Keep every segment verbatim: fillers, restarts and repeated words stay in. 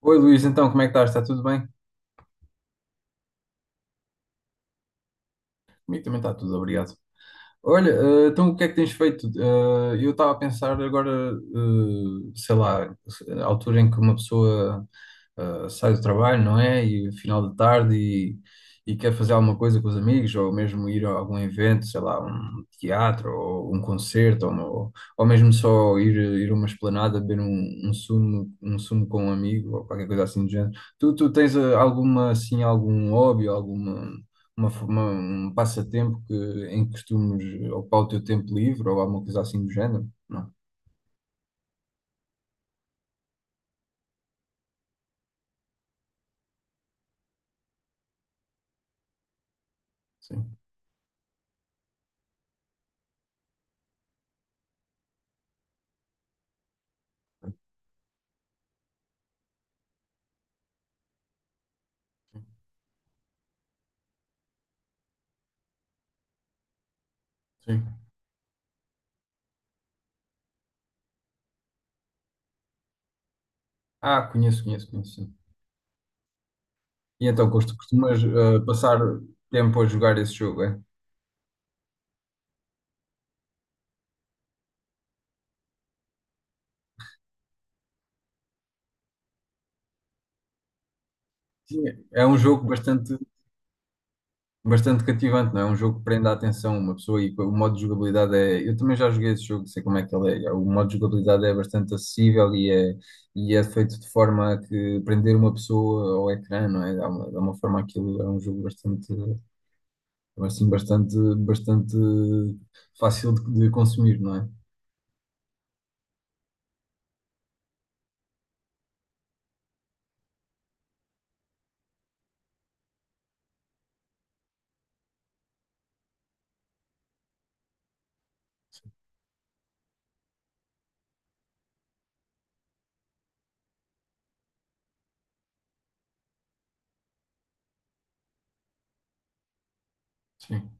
Oi Luís, então como é que estás? Está tudo bem? Comigo também está tudo, obrigado. Olha, eh, então o que é que tens feito? Eh, eu estava a pensar agora, eh, sei lá, a altura em que uma pessoa eh, sai do trabalho, não é? E final de tarde e, e quer fazer alguma coisa com os amigos ou mesmo ir a algum evento, sei lá, um teatro ou um concerto ou, uma- ou mesmo só ir, ir a uma esplanada beber um, um sumo, um sumo com um amigo ou qualquer coisa assim do género. Tu, tu tens eh, alguma assim algum hobby, alguma uma, uma- um passatempo que, em que costumes ocupar o teu tempo livre ou alguma coisa assim do género? Não, sim. Sim. Ah, conheço, conheço, conheço, sim. E então, costu- costumas eh, passar tempo a jogar esse jogo, é? Sim, é um jogo bastante, bastante cativante, não é? É um jogo que prende a atenção uma pessoa e o modo de jogabilidade é... Eu também já joguei esse jogo, sei como é que ele é. O modo de jogabilidade é bastante acessível e é, e é feito de forma a que prender uma pessoa ao ecrã, não é? Dá uma, dá uma forma aquilo, é um jogo bastante. Então, é, assim, bastante, bastante fácil de, de consumir, não é? Sim,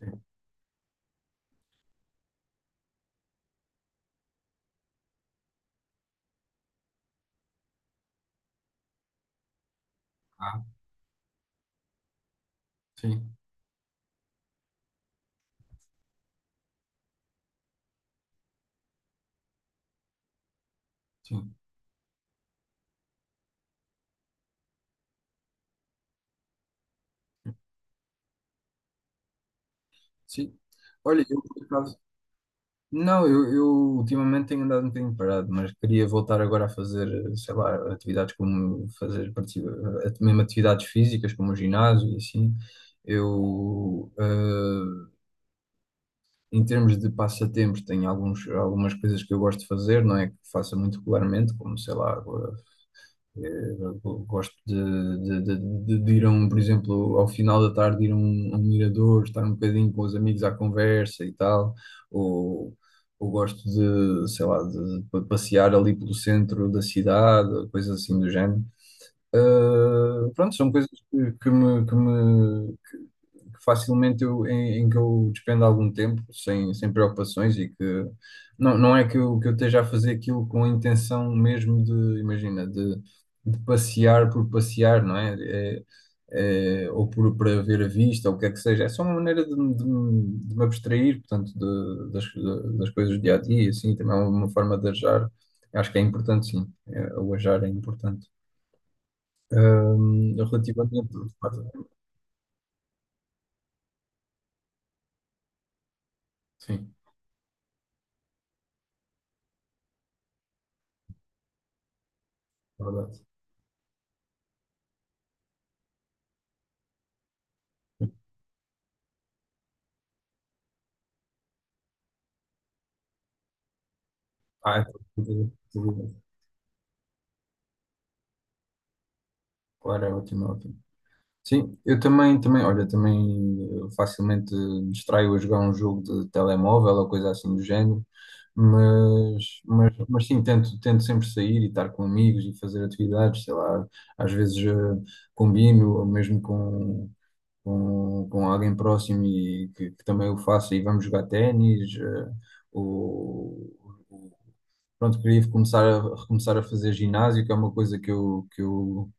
sim. Ah, sim, sim, sim. Olha, eu por acaso. Não, eu, eu ultimamente tenho andado um bocadinho parado, mas queria voltar agora a fazer, sei lá, atividades como fazer, participa- eh, mesmo atividades físicas, como o ginásio e assim. Eu, eh, em termos de passatempos, tenho alguns, algumas coisas que eu gosto de fazer, não é que faça muito regularmente, como, sei lá, Eh, gosto de, de- de- de- de ir a um, por exemplo, ao final da tarde, ir a um, a um mirador, estar um bocadinho com os amigos à conversa e tal, ou, ou gosto de, sei lá, de, de pa- passear ali pelo centro da cidade, coisas assim do género. Eh, pronto, são coisas que, que me, que me, que facilmente eu, em, em que eu despendo algum tempo sem, sem preocupações e que não, não é que eu, que eu esteja a fazer aquilo com a intenção mesmo de, imagina, de, de passear por passear, não é? É- é, ou por, para ver a vista, ou o que é que seja. É só uma maneira de, me- de, me de me abstrair, portanto, de- das, de- das coisas do dia a dia, assim, também é uma forma de ajar. Acho que é importante, sim. É, o ajar é importante. Ahm, relativamente. Sim, é verdade. Ah, tudo, tudo bem. Claro, é ótimo, é ótimo. Sim, eu também, também, olha, também eh, facilmente me distraio a jogar um jogo de telemóvel ou coisa assim do género, mas, mas, mas sim, tento, tento sempre sair e estar com amigos e fazer atividades, sei lá, às vezes eh, combino, ou mesmo com, com, com alguém próximo e que, que também o faça e vamos jogar ténis. eh, o, o- pronto, queria começar a, recomeçar a fazer ginásio, que é uma coisa que eu, que eu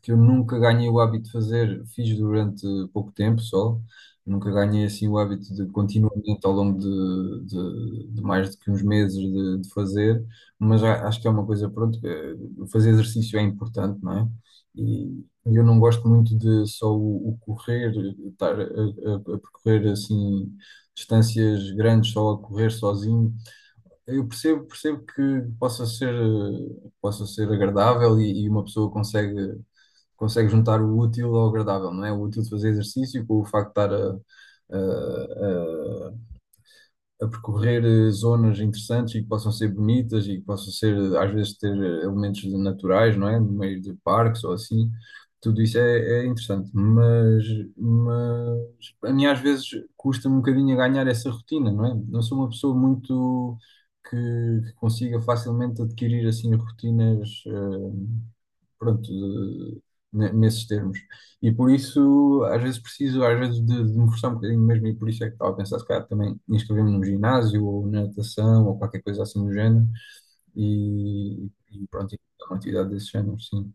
que eu nunca ganhei o hábito de fazer, fiz durante pouco tempo só, nunca ganhei assim o hábito de continuamente ao longo de, de- de mais do que uns meses de, de fazer, mas a- acho que é uma coisa, pronto, eh, fazer exercício é importante, não é? E eu não gosto muito de só o, o correr, estar a, a- a percorrer assim distâncias grandes só a correr sozinho. Eu percebo, percebo que possa ser, eh, possa ser agradável e e uma pessoa consegue consegue juntar o útil ao agradável, não é? O útil de fazer exercício com o facto de estar a, a- a- a percorrer eh, zonas interessantes e que possam ser bonitas e que possam ser, eh, às vezes, ter eh, elementos de- naturais, não é? No meio de parques ou assim. Tudo isso é, é interessante, mas, mas a mim às vezes custa-me um bocadinho a ganhar essa rotina, não é? Não sou uma pessoa muito que, que consiga facilmente adquirir assim rotinas, eh, pronto, de- ne- nesses termos. E por isso, às vezes preciso, às vezes, de, de me forçar um bocadinho mesmo, e por isso é que estava a pensar, se calhar, também inscrever-me num ginásio, ou na natação, ou qualquer coisa assim do género, e, e pronto, e é uma atividade desse género, sim.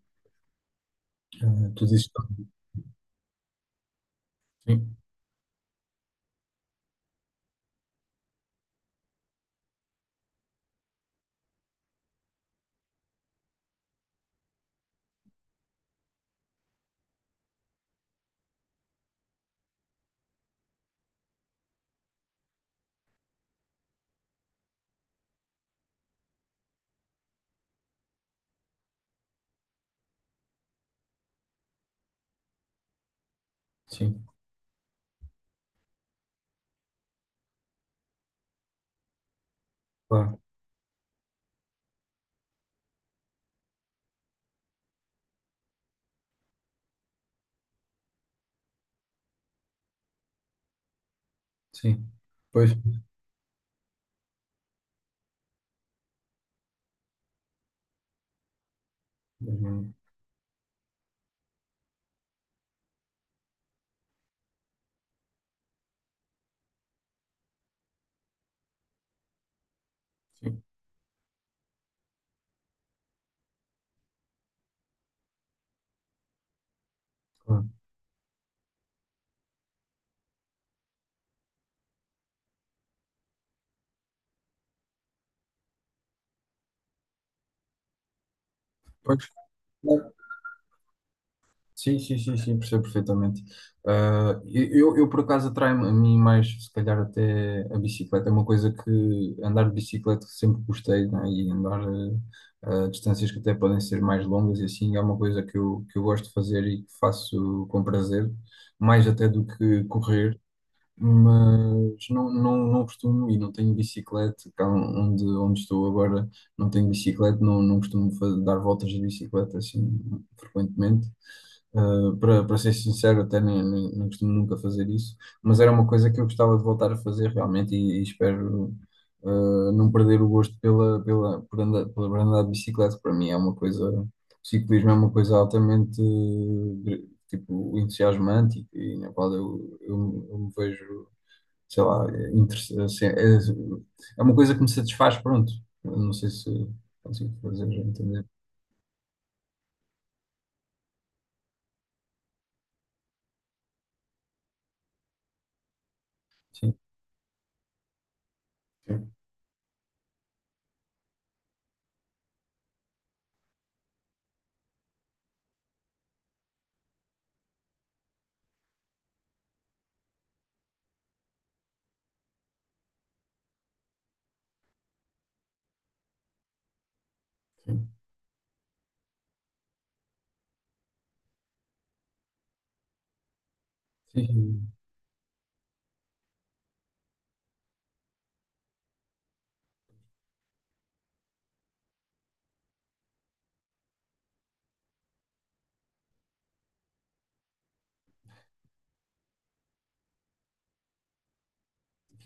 Ah, tu dizes sim, sim, claro, sim, pois, sim, claro, pois. Sim, sim, sim, sim, percebo perfeitamente. Ah, eu, eu, por acaso, atrai-me a mim mais, se calhar, até a bicicleta. É uma coisa que andar de bicicleta sempre gostei, né? E andar ah, a distâncias que até podem ser mais longas e assim é uma coisa que eu, que eu gosto de fazer e que faço com prazer, mais até do que correr. Mas não, não, não costumo e não tenho bicicleta, cá onde, onde estou agora não tenho bicicleta, não, não costumo fa- dar voltas de bicicleta assim frequentemente. Uh, para, para ser sincero, até nem, nem, nem costumo nunca fazer isso, mas era uma coisa que eu gostava de voltar a fazer realmente e, e espero uh, não perder o gosto pela, pela, por andar, por andar de bicicleta. Para mim é uma coisa, o ciclismo é uma coisa altamente eh, tipo, entusiasmante e, e na qual eu, eu, eu me vejo, sei lá, é, interess- assim, é, é uma coisa que me satisfaz, pronto. Eu não sei se consigo fazer entender. Sim, sim, sim. Sim, sim.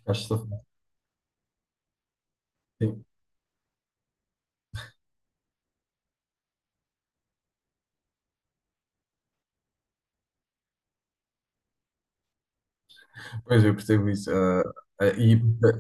Acho que estou a falar. Sim. Pois, eu percebo isso. Ah, ah, e ah,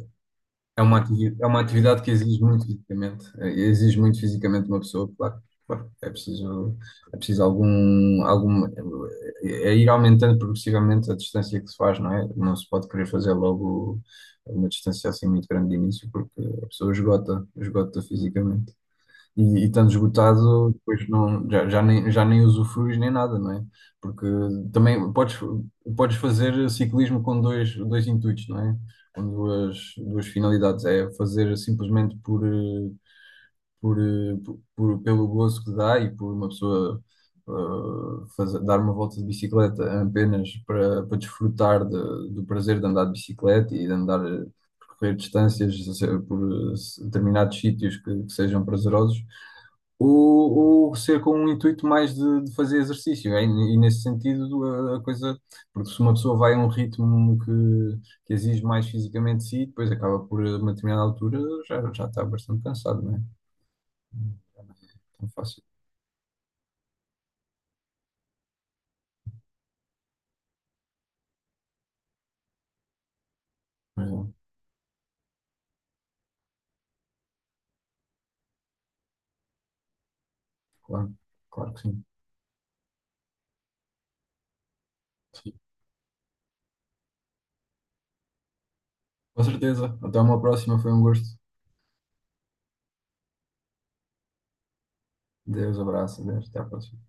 é uma atividade, é uma atividade que exige muito fisicamente, eh, exige muito fisicamente uma pessoa, claro. Claro. É preciso, é preciso algum, algum, é é ir aumentando progressivamente a distância que se faz, não é? Não se pode querer fazer logo uma distância assim muito grande de início, porque a pessoa esgota, esgota fisicamente. E, e estando esgotado, depois não, já, já nem, já nem usufruis nem nada, não é? Porque também podes, podes fazer ciclismo com dois, dois intuitos, não é? Com duas, duas finalidades. É fazer simplesmente por, eh, por, eh, por- por- pelo gozo que dá e por uma pessoa eh, fazer, dar uma volta de bicicleta apenas para, para desfrutar de- do prazer de andar de bicicleta e de andar, eh, percorrer distâncias eh, por eh, determinados sítios que que sejam prazerosos ou, ou ser com um intuito mais de, de fazer exercício. É? E, e nesse sentido, a, a coisa, porque se uma pessoa vai a um ritmo que, que exige mais fisicamente de si, depois acaba por, a uma determinada altura, já, já está bastante cansado, não é? Não é tão fácil. Mas, é, claro, claro que sim. Sim. Com certeza. Até uma próxima, foi um gosto. Deus, abraço, Deus, até à próxima.